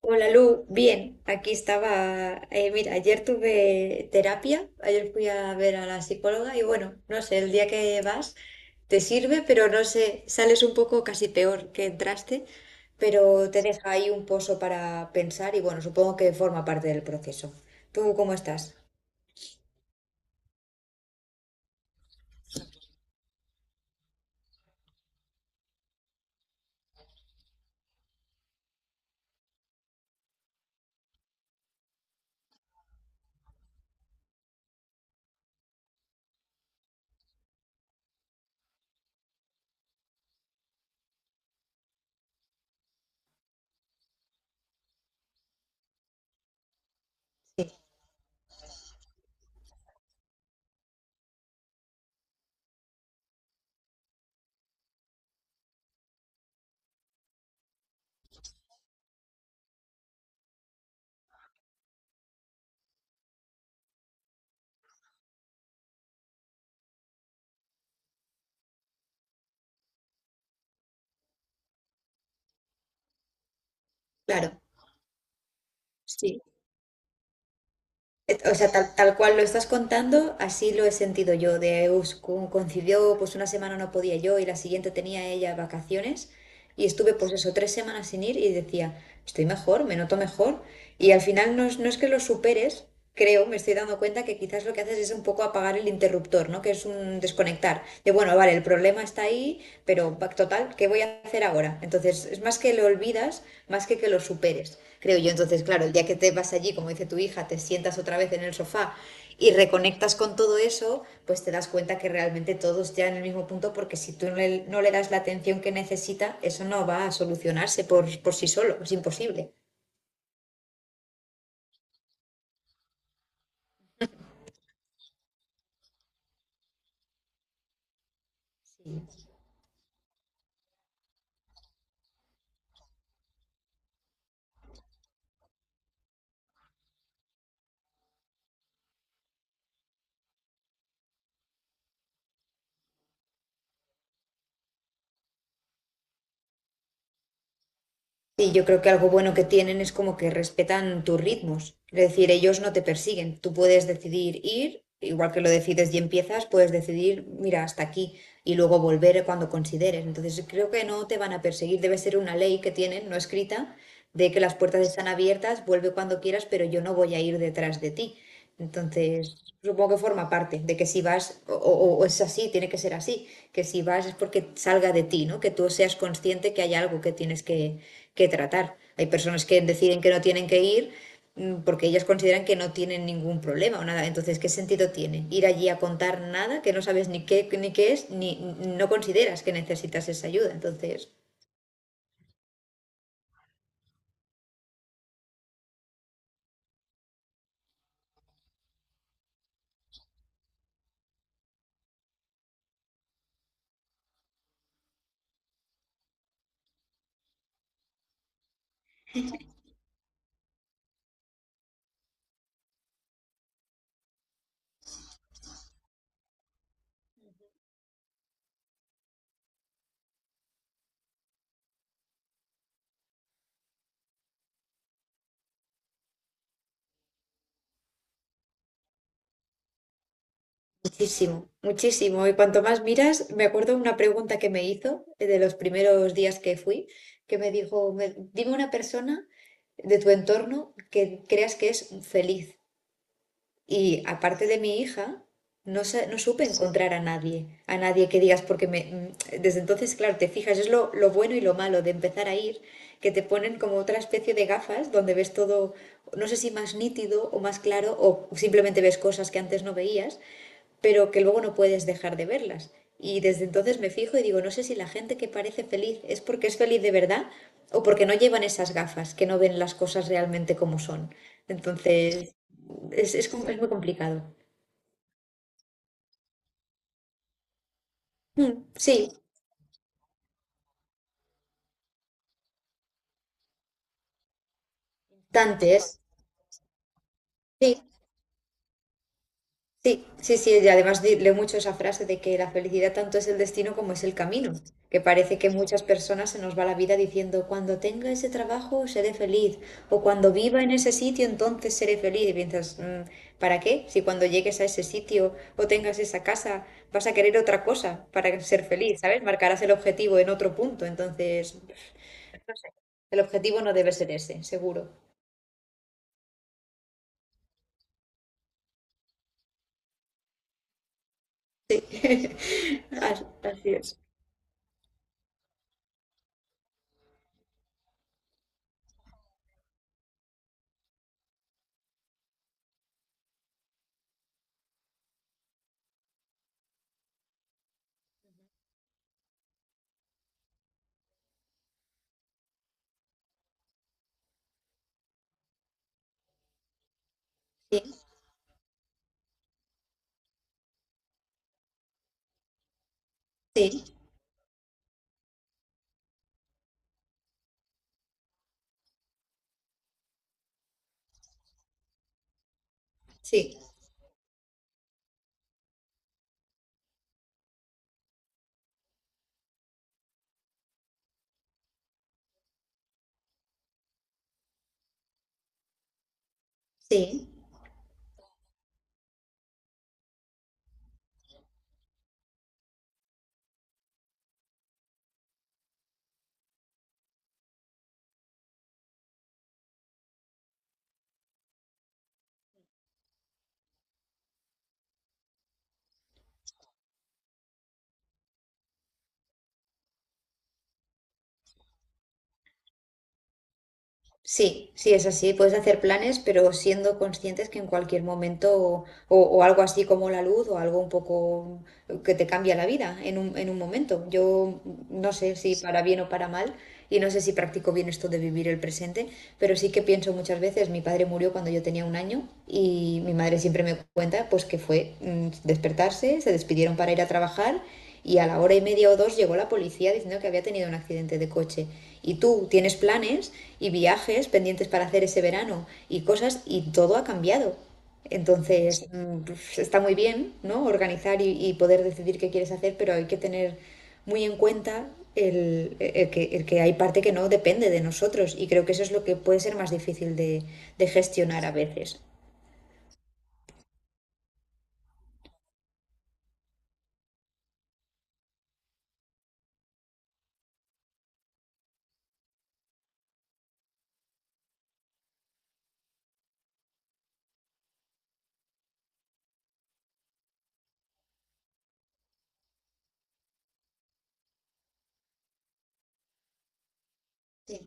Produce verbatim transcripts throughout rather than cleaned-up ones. Hola Lu, bien, aquí estaba, eh, mira, ayer tuve terapia, ayer fui a ver a la psicóloga y bueno, no sé, el día que vas te sirve, pero no sé, sales un poco casi peor que entraste, pero te deja ahí un pozo para pensar y bueno, supongo que forma parte del proceso. ¿Tú cómo estás? Claro, sí. Et- O sea, tal, tal cual lo estás contando, así lo he sentido yo, de us- con- coincidió pues una semana no podía yo y la siguiente tenía ella vacaciones. Y estuve pues eso, tres semanas sin ir y decía, estoy mejor, me noto mejor. Y al final no es, no es que lo superes, creo, me estoy dando cuenta que quizás lo que haces es un poco apagar el interruptor, ¿no? Que es un desconectar. De bueno, vale, el problema está ahí, pero pa- total, ¿qué voy a hacer ahora? Entonces, es más que lo olvidas, más que que lo superes, creo yo. Entonces, claro, el día que te vas allí, como dice tu hija, te sientas otra vez en el sofá y reconectas con todo eso, pues te das cuenta que realmente todos ya en el mismo punto, porque si tú no le, no le das la atención que necesita, eso no va a solucionarse por, por sí solo, es imposible. Sí, sí, yo creo que algo bueno que tienen es como que respetan tus ritmos. Es decir, ellos no te persiguen. Tú puedes decidir ir, igual que lo decides y empiezas, puedes decidir, mira, hasta aquí y luego volver cuando consideres. Entonces, creo que no te van a perseguir. Debe ser una ley que tienen, no escrita, de que las puertas están abiertas, vuelve cuando quieras, pero yo no voy a ir detrás de ti. Entonces, supongo que forma parte de que si vas, o, o- o es así, tiene que ser así, que si vas es porque salga de ti, ¿no? Que tú seas consciente que hay algo que tienes que, que tratar. Hay personas que deciden que no tienen que ir mm, porque ellas consideran que no tienen ningún problema o nada. Entonces, ¿qué sentido tiene ir allí a contar nada que no sabes ni qué, ni qué es, ni ni no consideras que necesitas esa ayuda? Entonces... Muchísimo, muchísimo. Y cuanto más miras, me acuerdo una pregunta que me hizo eh, de los primeros días que fui, que me dijo, "Me- dime una persona de tu entorno que creas que es feliz". Y aparte de mi hija, no, sé- no supe encontrar a nadie, a nadie que digas, porque me, mm, desde entonces, claro, te fijas, es lo, lo bueno y lo malo de empezar a ir, que te ponen como otra especie de gafas donde ves todo, no sé si más nítido o más claro, o simplemente ves cosas que antes no veías, pero que luego no puedes dejar de verlas. Y desde entonces me fijo y digo, no sé si la gente que parece feliz es porque es feliz de verdad o porque no llevan esas gafas, que no ven las cosas realmente como son. Entonces, es, es, com- es muy complicado. Mm, Sí. Dante es. Sí, sí, sí, sí. Y además di- leo mucho esa frase de que la felicidad tanto es el destino como es el camino. Que parece que muchas personas se nos va la vida diciendo, cuando tenga ese trabajo seré feliz. O cuando viva en ese sitio entonces seré feliz. Y piensas, "Mm, ¿para qué? Si cuando llegues a ese sitio o tengas esa casa vas a querer otra cosa para ser feliz, ¿sabes? Marcarás el objetivo en otro punto". Entonces, no sé. El objetivo no debe ser ese, seguro. Así es. Sí, sí, sí, sí. Sí, sí, es así. Puedes hacer planes, pero siendo conscientes que en cualquier momento o, o- o algo así como la luz o algo un poco que te cambia la vida en un, en un momento. Yo no sé si para bien o para mal y no sé si practico bien esto de vivir el presente, pero sí que pienso muchas veces, mi padre murió cuando yo tenía un año y mi madre siempre me cuenta pues que fue mm, despertarse, se despidieron para ir a trabajar y a la hora y media o dos llegó la policía diciendo que había tenido un accidente de coche. Y tú tienes planes y viajes pendientes para hacer ese verano y cosas y todo ha cambiado. Entonces, mm, pues, está muy bien, ¿no? Organizar y, y poder decidir qué quieres hacer, pero hay que tener muy en cuenta el, el que, el que hay parte que no depende de nosotros y creo que eso es lo que puede ser más difícil de, de gestionar a veces. Sí.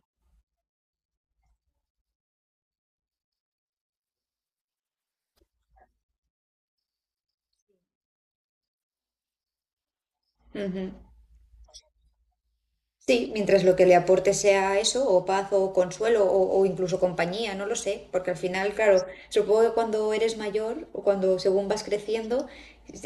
Ujú. Sí, mientras lo que le aporte sea eso, o paz, o consuelo, o, o incluso compañía, no lo sé, porque al final, claro, supongo que cuando eres mayor o cuando según vas creciendo,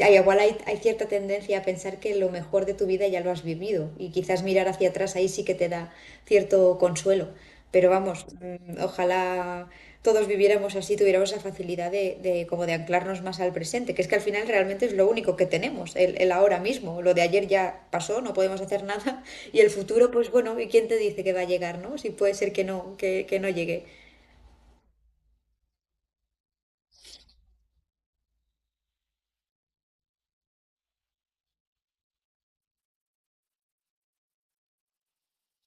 hay- igual hay, hay cierta tendencia a pensar que lo mejor de tu vida ya lo has vivido y quizás mirar hacia atrás ahí sí que te da cierto consuelo. Pero vamos, mm, ojalá todos viviéramos así, tuviéramos esa facilidad de, de como de anclarnos más al presente, que es que al final realmente es lo único que tenemos, el, el ahora mismo. Lo de ayer ya pasó, no podemos hacer nada, y el futuro, pues bueno, ¿y quién te dice que va a llegar, no? Si puede ser que no, que, que no llegue.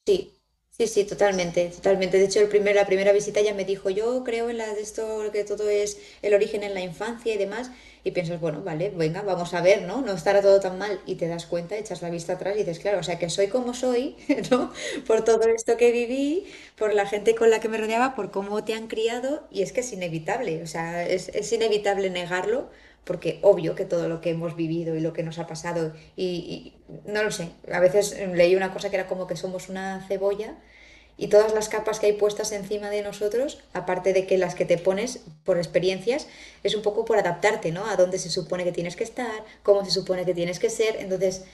Sí, sí, sí, totalmente, totalmente. De hecho, el primer, la primera visita ya me dijo, yo creo en la de esto, que todo es el origen en la infancia y demás. Y piensas, bueno, vale, venga, vamos a ver, ¿no? No estará todo tan mal. Y te das cuenta, echas la vista atrás y dices, claro, o sea, que soy como soy, ¿no? Por todo esto que viví, por la gente con la que me rodeaba, por cómo te han criado. Y es que es inevitable, o sea, es, es inevitable negarlo porque obvio que todo lo que hemos vivido y lo que nos ha pasado, y, y no lo sé, a veces leí una cosa que era como que somos una cebolla y todas las capas que hay puestas encima de nosotros, aparte de que las que te pones por experiencias, es un poco por adaptarte, ¿no? A dónde se supone que tienes que estar, cómo se supone que tienes que ser. Entonces,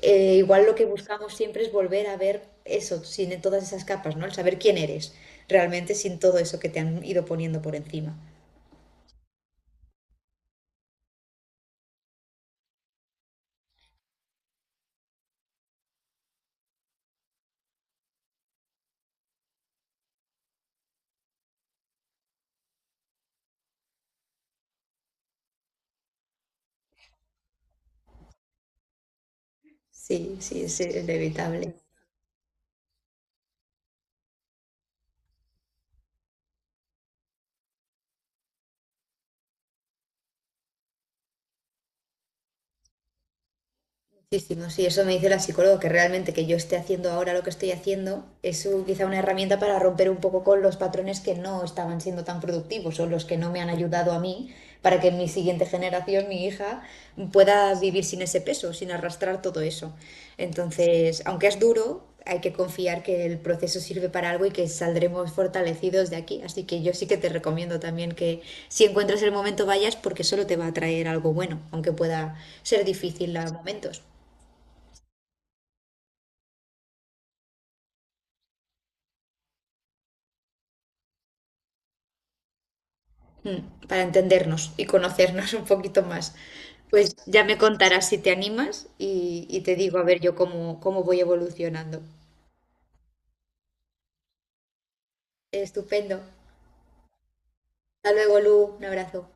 eh, igual lo que buscamos siempre es volver a ver eso, sin todas esas capas, ¿no? El saber quién eres realmente sin todo eso que te han ido poniendo por encima. Sí, sí, es inevitable. Muchísimo, sí, eso me dice la psicóloga, que realmente que yo esté haciendo ahora lo que estoy haciendo es un- quizá una herramienta para romper un poco con los patrones que no estaban siendo tan productivos o los que no me han ayudado a mí para que mi siguiente generación, mi hija, pueda vivir sin ese peso, sin arrastrar todo eso. Entonces, aunque es duro, hay que confiar que el proceso sirve para algo y que saldremos fortalecidos de aquí. Así que yo sí que te recomiendo también que si encuentras el momento vayas porque solo te va a traer algo bueno, aunque pueda ser difícil a momentos. Mm, para entendernos y conocernos un poquito más. Pues ya me contarás si te animas y, y te digo a ver yo cómo, cómo voy evolucionando. Estupendo. Hasta luego, Lu. Un abrazo.